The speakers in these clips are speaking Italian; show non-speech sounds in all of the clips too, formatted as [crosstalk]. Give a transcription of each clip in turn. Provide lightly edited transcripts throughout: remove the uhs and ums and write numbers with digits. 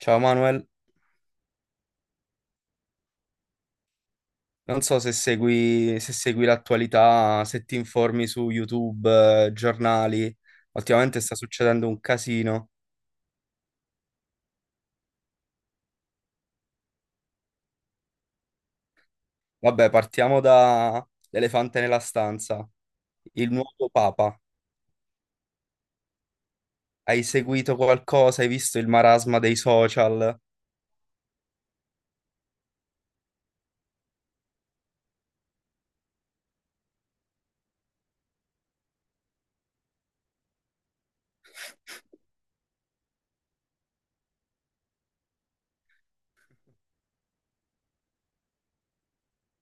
Ciao Manuel, non so se segui l'attualità, se ti informi su YouTube, giornali. Ultimamente sta succedendo un casino. Vabbè, partiamo da l'elefante nella stanza, il nuovo Papa. Hai seguito qualcosa? Hai visto il marasma dei social?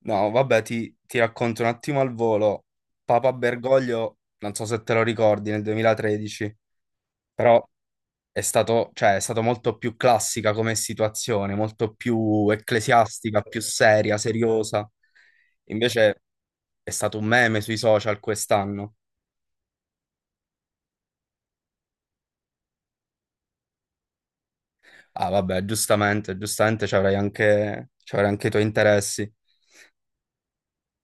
No, vabbè, ti racconto un attimo al volo. Papa Bergoglio, non so se te lo ricordi, nel 2013, però è stato, cioè, è stato molto più classica come situazione, molto più ecclesiastica, più seria, seriosa. Invece è stato un meme sui social quest'anno. Ah, vabbè, giustamente, giustamente ci avrai anche i tuoi interessi.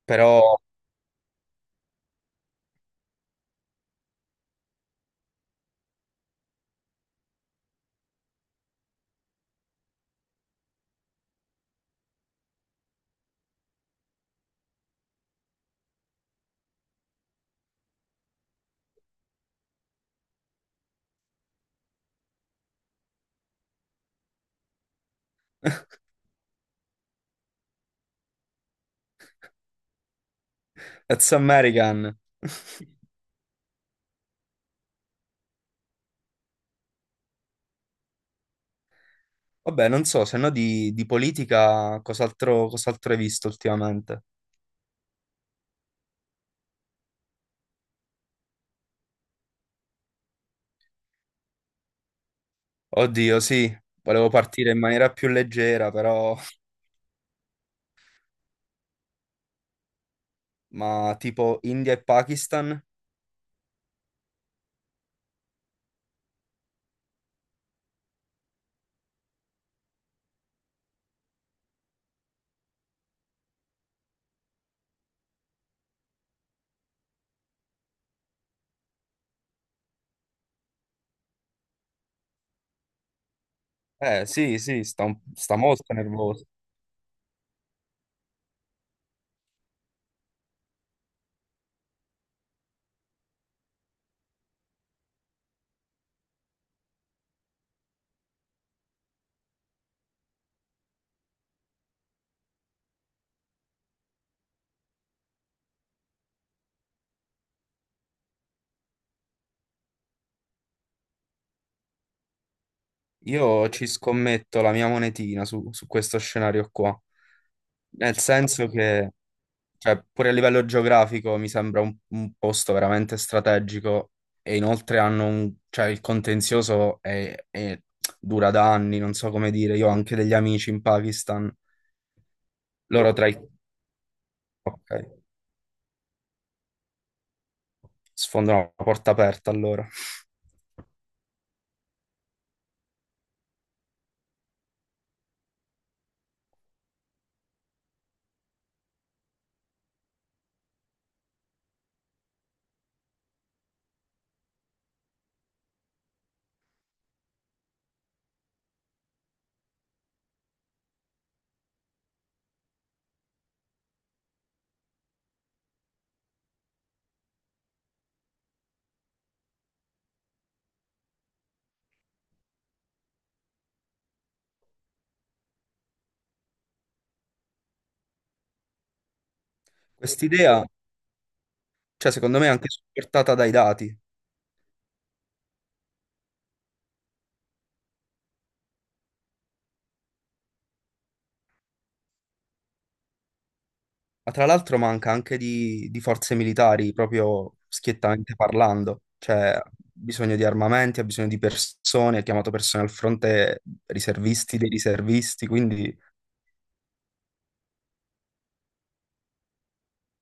Però, that's American. [laughs] Vabbè, non so, se no di politica cos'altro hai visto ultimamente? Oddio, sì, volevo partire in maniera più leggera, però. [laughs] Ma tipo India e Pakistan? Eh sì, sì, sta molto nervoso. Io ci scommetto la mia monetina su questo scenario qua, nel senso che, cioè, pure a livello geografico mi sembra un posto veramente strategico e inoltre hanno cioè, il contenzioso dura da anni, non so come dire, io ho anche degli amici in Pakistan, loro tra i. Ok, sfondano la porta aperta allora. Quest'idea, cioè, secondo me è anche supportata dai dati. Ma tra l'altro manca anche di forze militari, proprio schiettamente parlando. Cioè, ha bisogno di armamenti, ha bisogno di persone, ha chiamato persone al fronte, riservisti dei riservisti, quindi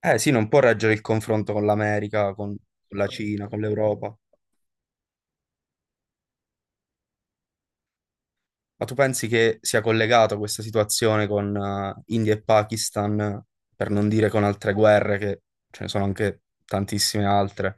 eh sì, non può reggere il confronto con l'America, con la Cina, con l'Europa. Ma tu pensi che sia collegato questa situazione con India e Pakistan, per non dire con altre guerre, che ce ne sono anche tantissime altre?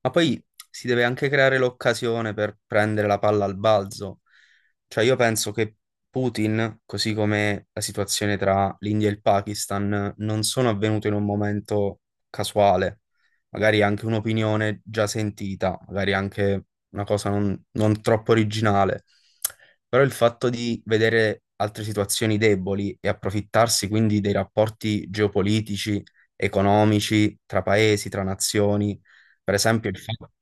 Ma poi si deve anche creare l'occasione per prendere la palla al balzo. Cioè io penso che Putin, così come la situazione tra l'India e il Pakistan, non sono avvenute in un momento casuale. Magari anche un'opinione già sentita, magari anche una cosa non troppo originale. Però il fatto di vedere altre situazioni deboli e approfittarsi quindi dei rapporti geopolitici, economici, tra paesi, tra nazioni per esempio, il fatto.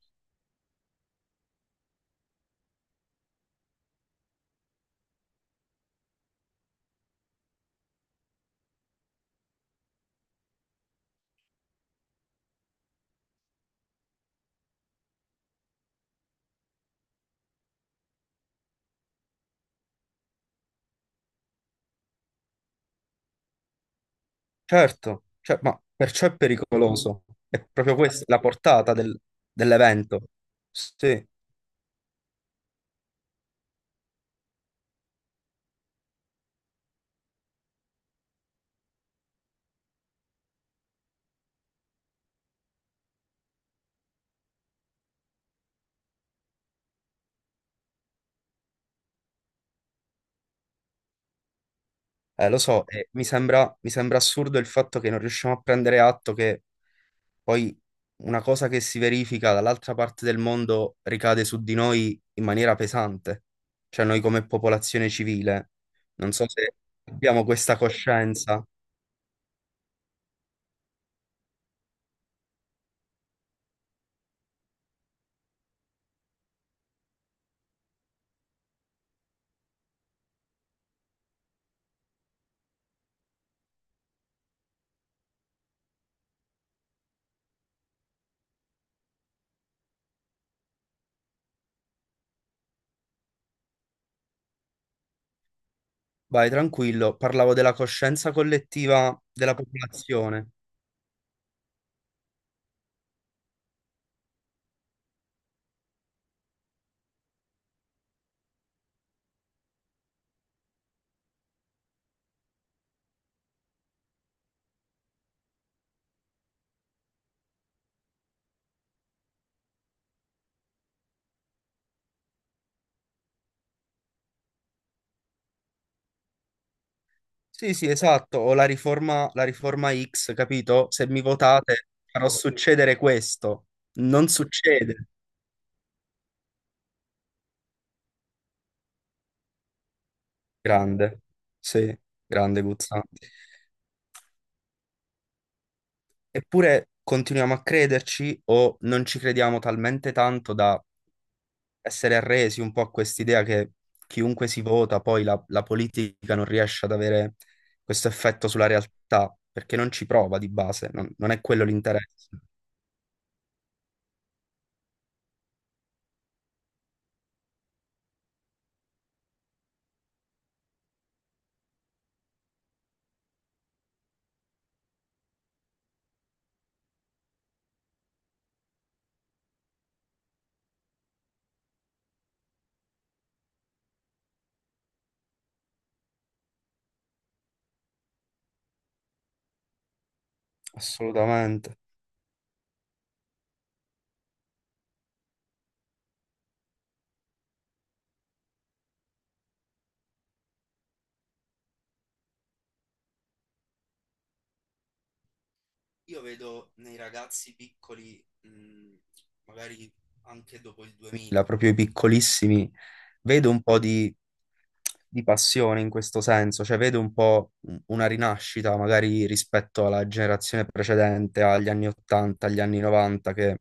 Certo, cioè, ma perciò è pericoloso. È proprio questa la portata del- dell'evento. Sì, lo so, e mi sembra assurdo il fatto che non riusciamo a prendere atto che poi una cosa che si verifica dall'altra parte del mondo ricade su di noi in maniera pesante. Cioè noi come popolazione civile. Non so se abbiamo questa coscienza. Vai, tranquillo, parlavo della coscienza collettiva della popolazione. Sì, sì, esatto, o la riforma X, capito? Se mi votate farò succedere questo. Non succede. Grande, sì, grande Guzzanti. Eppure continuiamo a crederci o non ci crediamo talmente tanto da essere arresi un po' a quest'idea che chiunque si vota, poi la, la politica non riesce ad avere questo effetto sulla realtà, perché non ci prova di base, non è quello l'interesse. Assolutamente. Io vedo nei ragazzi piccoli, magari anche dopo il 2000, proprio i piccolissimi, vedo un po' di passione in questo senso, cioè vedo un po' una rinascita magari rispetto alla generazione precedente, agli anni 80, agli anni 90, che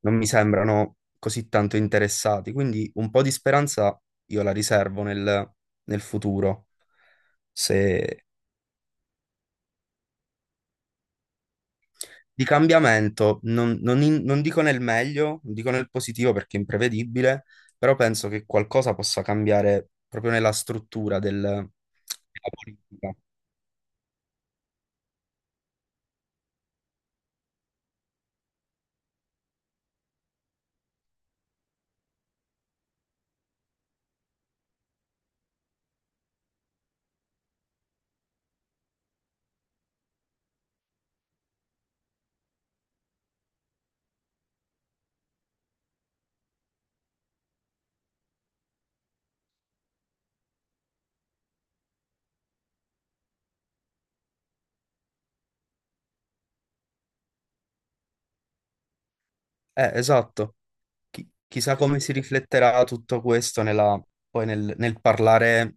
non mi sembrano così tanto interessati. Quindi un po' di speranza io la riservo nel, futuro, di cambiamento, non dico nel meglio, non dico nel positivo perché è imprevedibile, però penso che qualcosa possa cambiare proprio nella struttura della politica. Esatto. Chissà come si rifletterà tutto questo nella- poi nel parlare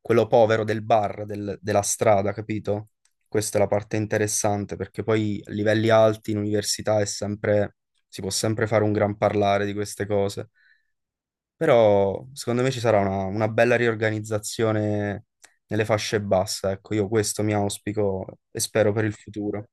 quello povero del bar, della strada, capito? Questa è la parte interessante perché poi a livelli alti in università è sempre, si può sempre fare un gran parlare di queste cose. Però secondo me ci sarà una, bella riorganizzazione nelle fasce basse, ecco, io questo mi auspico e spero per il futuro.